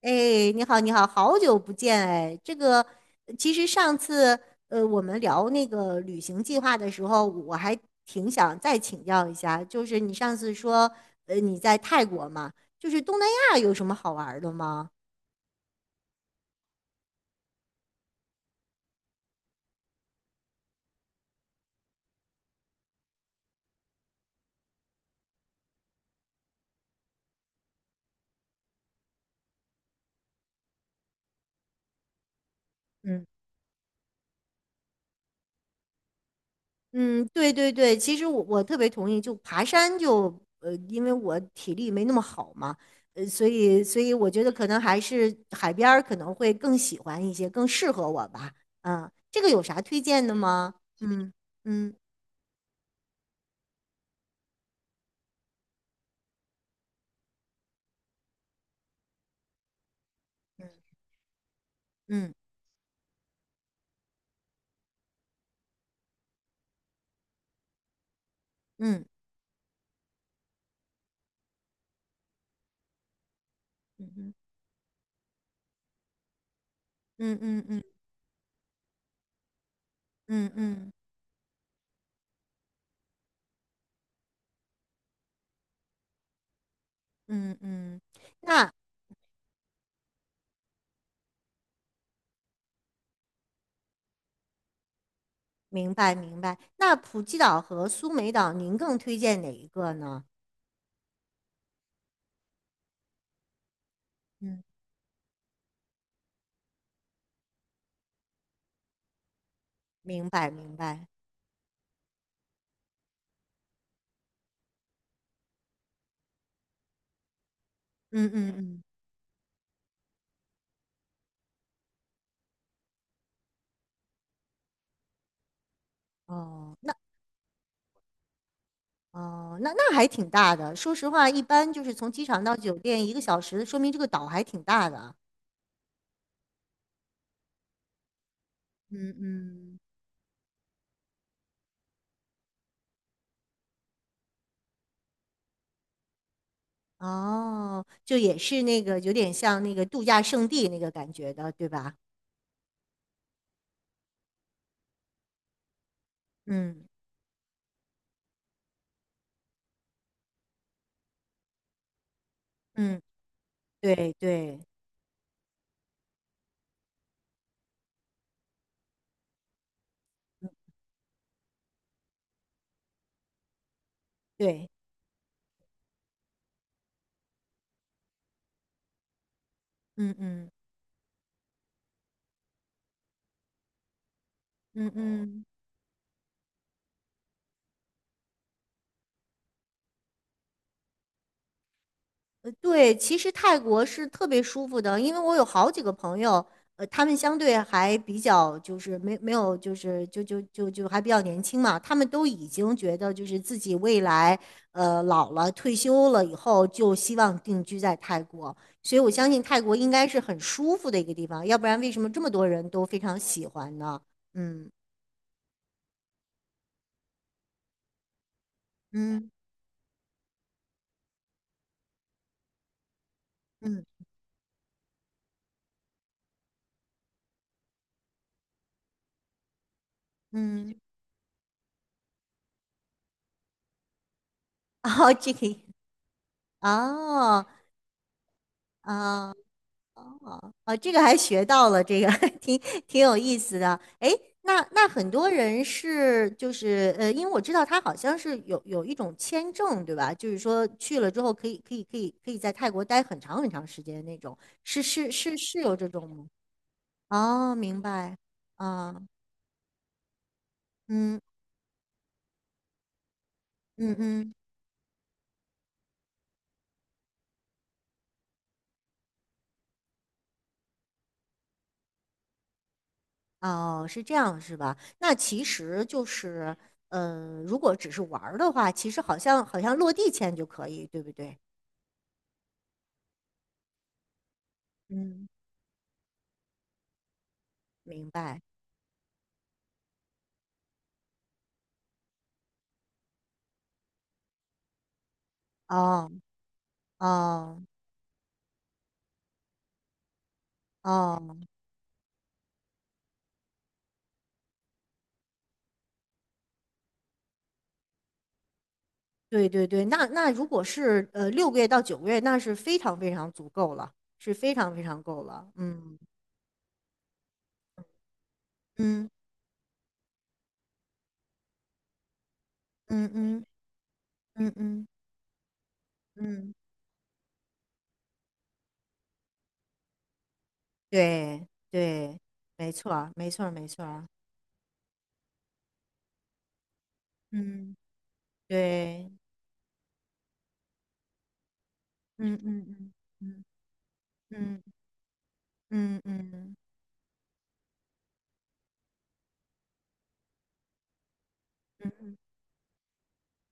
哎，你好，你好，好久不见哎。这个其实上次我们聊那个旅行计划的时候，我还挺想再请教一下，就是你上次说你在泰国嘛，就是东南亚有什么好玩儿的吗？嗯。嗯，对对对，其实我特别同意，就爬山就因为我体力没那么好嘛，所以我觉得可能还是海边儿可能会更喜欢一些，更适合我吧。嗯，这个有啥推荐的吗？嗯嗯嗯嗯嗯嗯嗯嗯嗯嗯嗯嗯，嗯嗯嗯。那明白明白。那普吉岛和苏梅岛，您更推荐哪一个呢？嗯，明白明白。嗯嗯嗯，哦。那。哦，那还挺大的。说实话，一般就是从机场到酒店1个小时，说明这个岛还挺大的。嗯嗯，哦，就也是那个有点像那个度假胜地那个感觉的，对吧？嗯嗯，对对对，嗯嗯嗯嗯。对，其实泰国是特别舒服的，因为我有好几个朋友，他们相对还比较就是没有就是就还比较年轻嘛，他们都已经觉得就是自己未来老了退休了以后就希望定居在泰国，所以我相信泰国应该是很舒服的一个地方，要不然为什么这么多人都非常喜欢呢？嗯嗯嗯嗯，哦，这个哦啊。哦，这个还学到了，这个 挺挺有意思的。哎，那很多人是就是因为我知道他好像是有一种签证，对吧？就是说去了之后可以在泰国待很长很长时间的那种，是有这种吗？哦，明白。啊，嗯嗯嗯，哦，是这样是吧？那其实就是，如果只是玩儿的话，其实好像落地签就可以，对不对？嗯，明白。哦。哦哦，对对对，那如果是6个月到9个月，那是非常非常足够了，是非常非常够了。嗯嗯嗯嗯嗯嗯嗯，对对，没错儿没错儿没错儿嗯，对，嗯嗯嗯嗯嗯嗯嗯。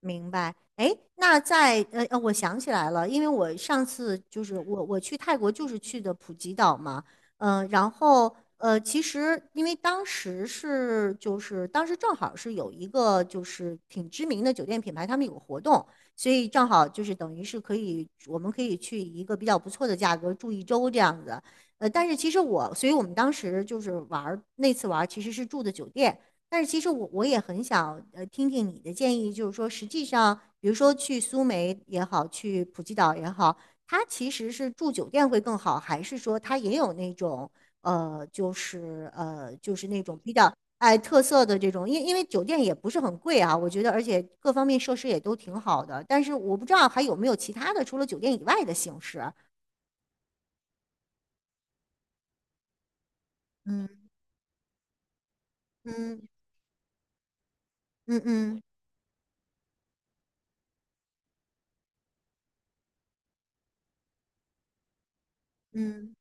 明白，哎，那在我想起来了，因为我上次就是我去泰国就是去的普吉岛嘛，然后其实因为当时是就是当时正好是有一个就是挺知名的酒店品牌，他们有个活动，所以正好就是等于是我们可以去一个比较不错的价格住1周这样子，但是其实所以我们当时就是玩儿那次玩儿其实是住的酒店。但是其实我也很想听听你的建议，就是说实际上，比如说去苏梅也好，去普吉岛也好，它其实是住酒店会更好，还是说它也有那种就是那种比较哎特色的这种，因为酒店也不是很贵啊，我觉得，而且各方面设施也都挺好的，但是我不知道还有没有其他的除了酒店以外的形式，嗯嗯嗯嗯嗯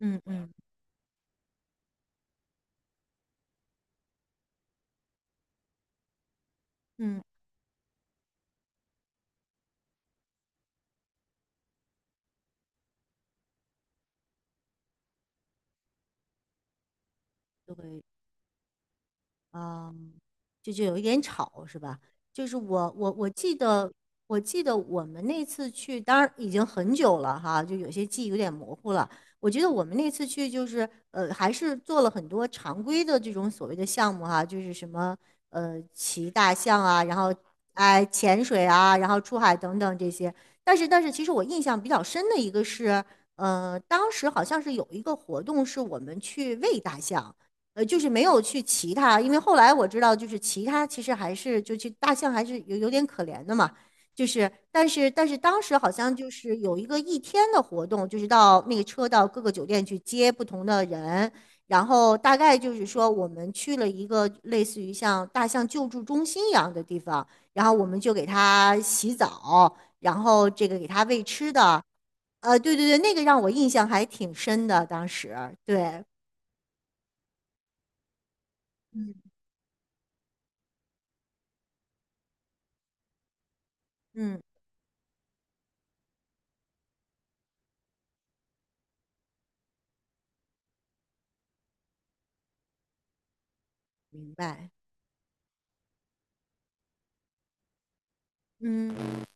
嗯嗯嗯，对。嗯，就有一点吵是吧？就是我记得我们那次去，当然已经很久了哈，就有些记忆有点模糊了。我觉得我们那次去就是还是做了很多常规的这种所谓的项目哈，就是什么骑大象啊，然后哎潜水啊，然后出海等等这些。但是，其实我印象比较深的一个是，当时好像是有一个活动是我们去喂大象。就是没有去骑它，因为后来我知道，就是骑它其实还是就去大象还是有点可怜的嘛，就是但是当时好像就是有一个一天的活动，就是到那个车到各个酒店去接不同的人，然后大概就是说我们去了一个类似于像大象救助中心一样的地方，然后我们就给它洗澡，然后这个给它喂吃的，对对对，那个让我印象还挺深的，当时对，嗯嗯，明白。嗯嗯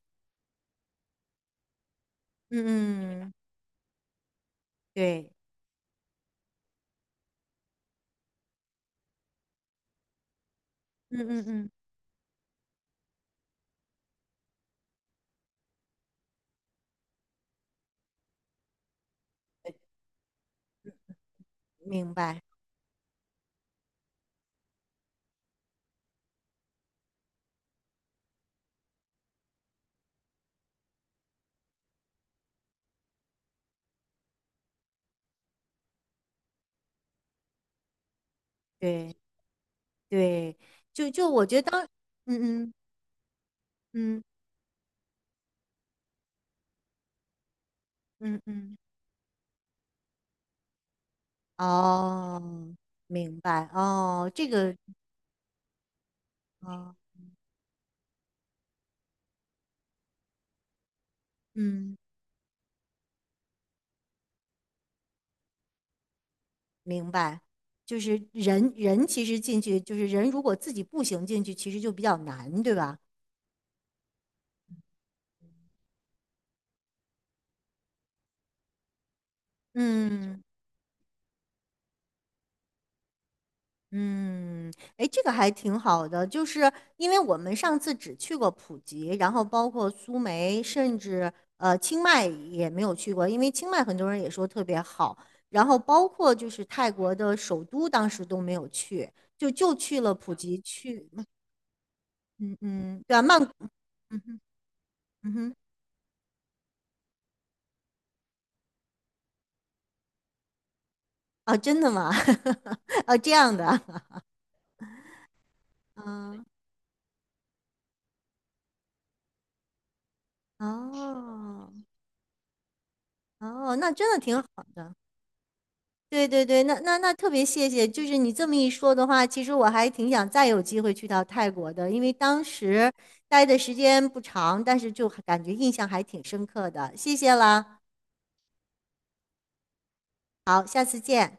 嗯，对，嗯嗯嗯，明白，对对，就我觉得当，嗯嗯嗯嗯嗯，哦，明白，哦，这个，哦，嗯，明白，就是人人其实进去，就是人如果自己步行进去，其实就比较难，对吧？嗯。嗯，哎，这个还挺好的，就是因为我们上次只去过普吉，然后包括苏梅，甚至清迈也没有去过，因为清迈很多人也说特别好，然后包括就是泰国的首都，当时都没有去，就去了普吉去，嗯嗯，对啊，曼谷，嗯哼，啊，真的吗？啊，这样的，嗯，哦哦，那真的挺好。的。对对对，那特别谢谢，就是你这么一说的话，其实我还挺想再有机会去到泰国的，因为当时待的时间不长，但是就感觉印象还挺深刻的。谢谢了，好，下次见。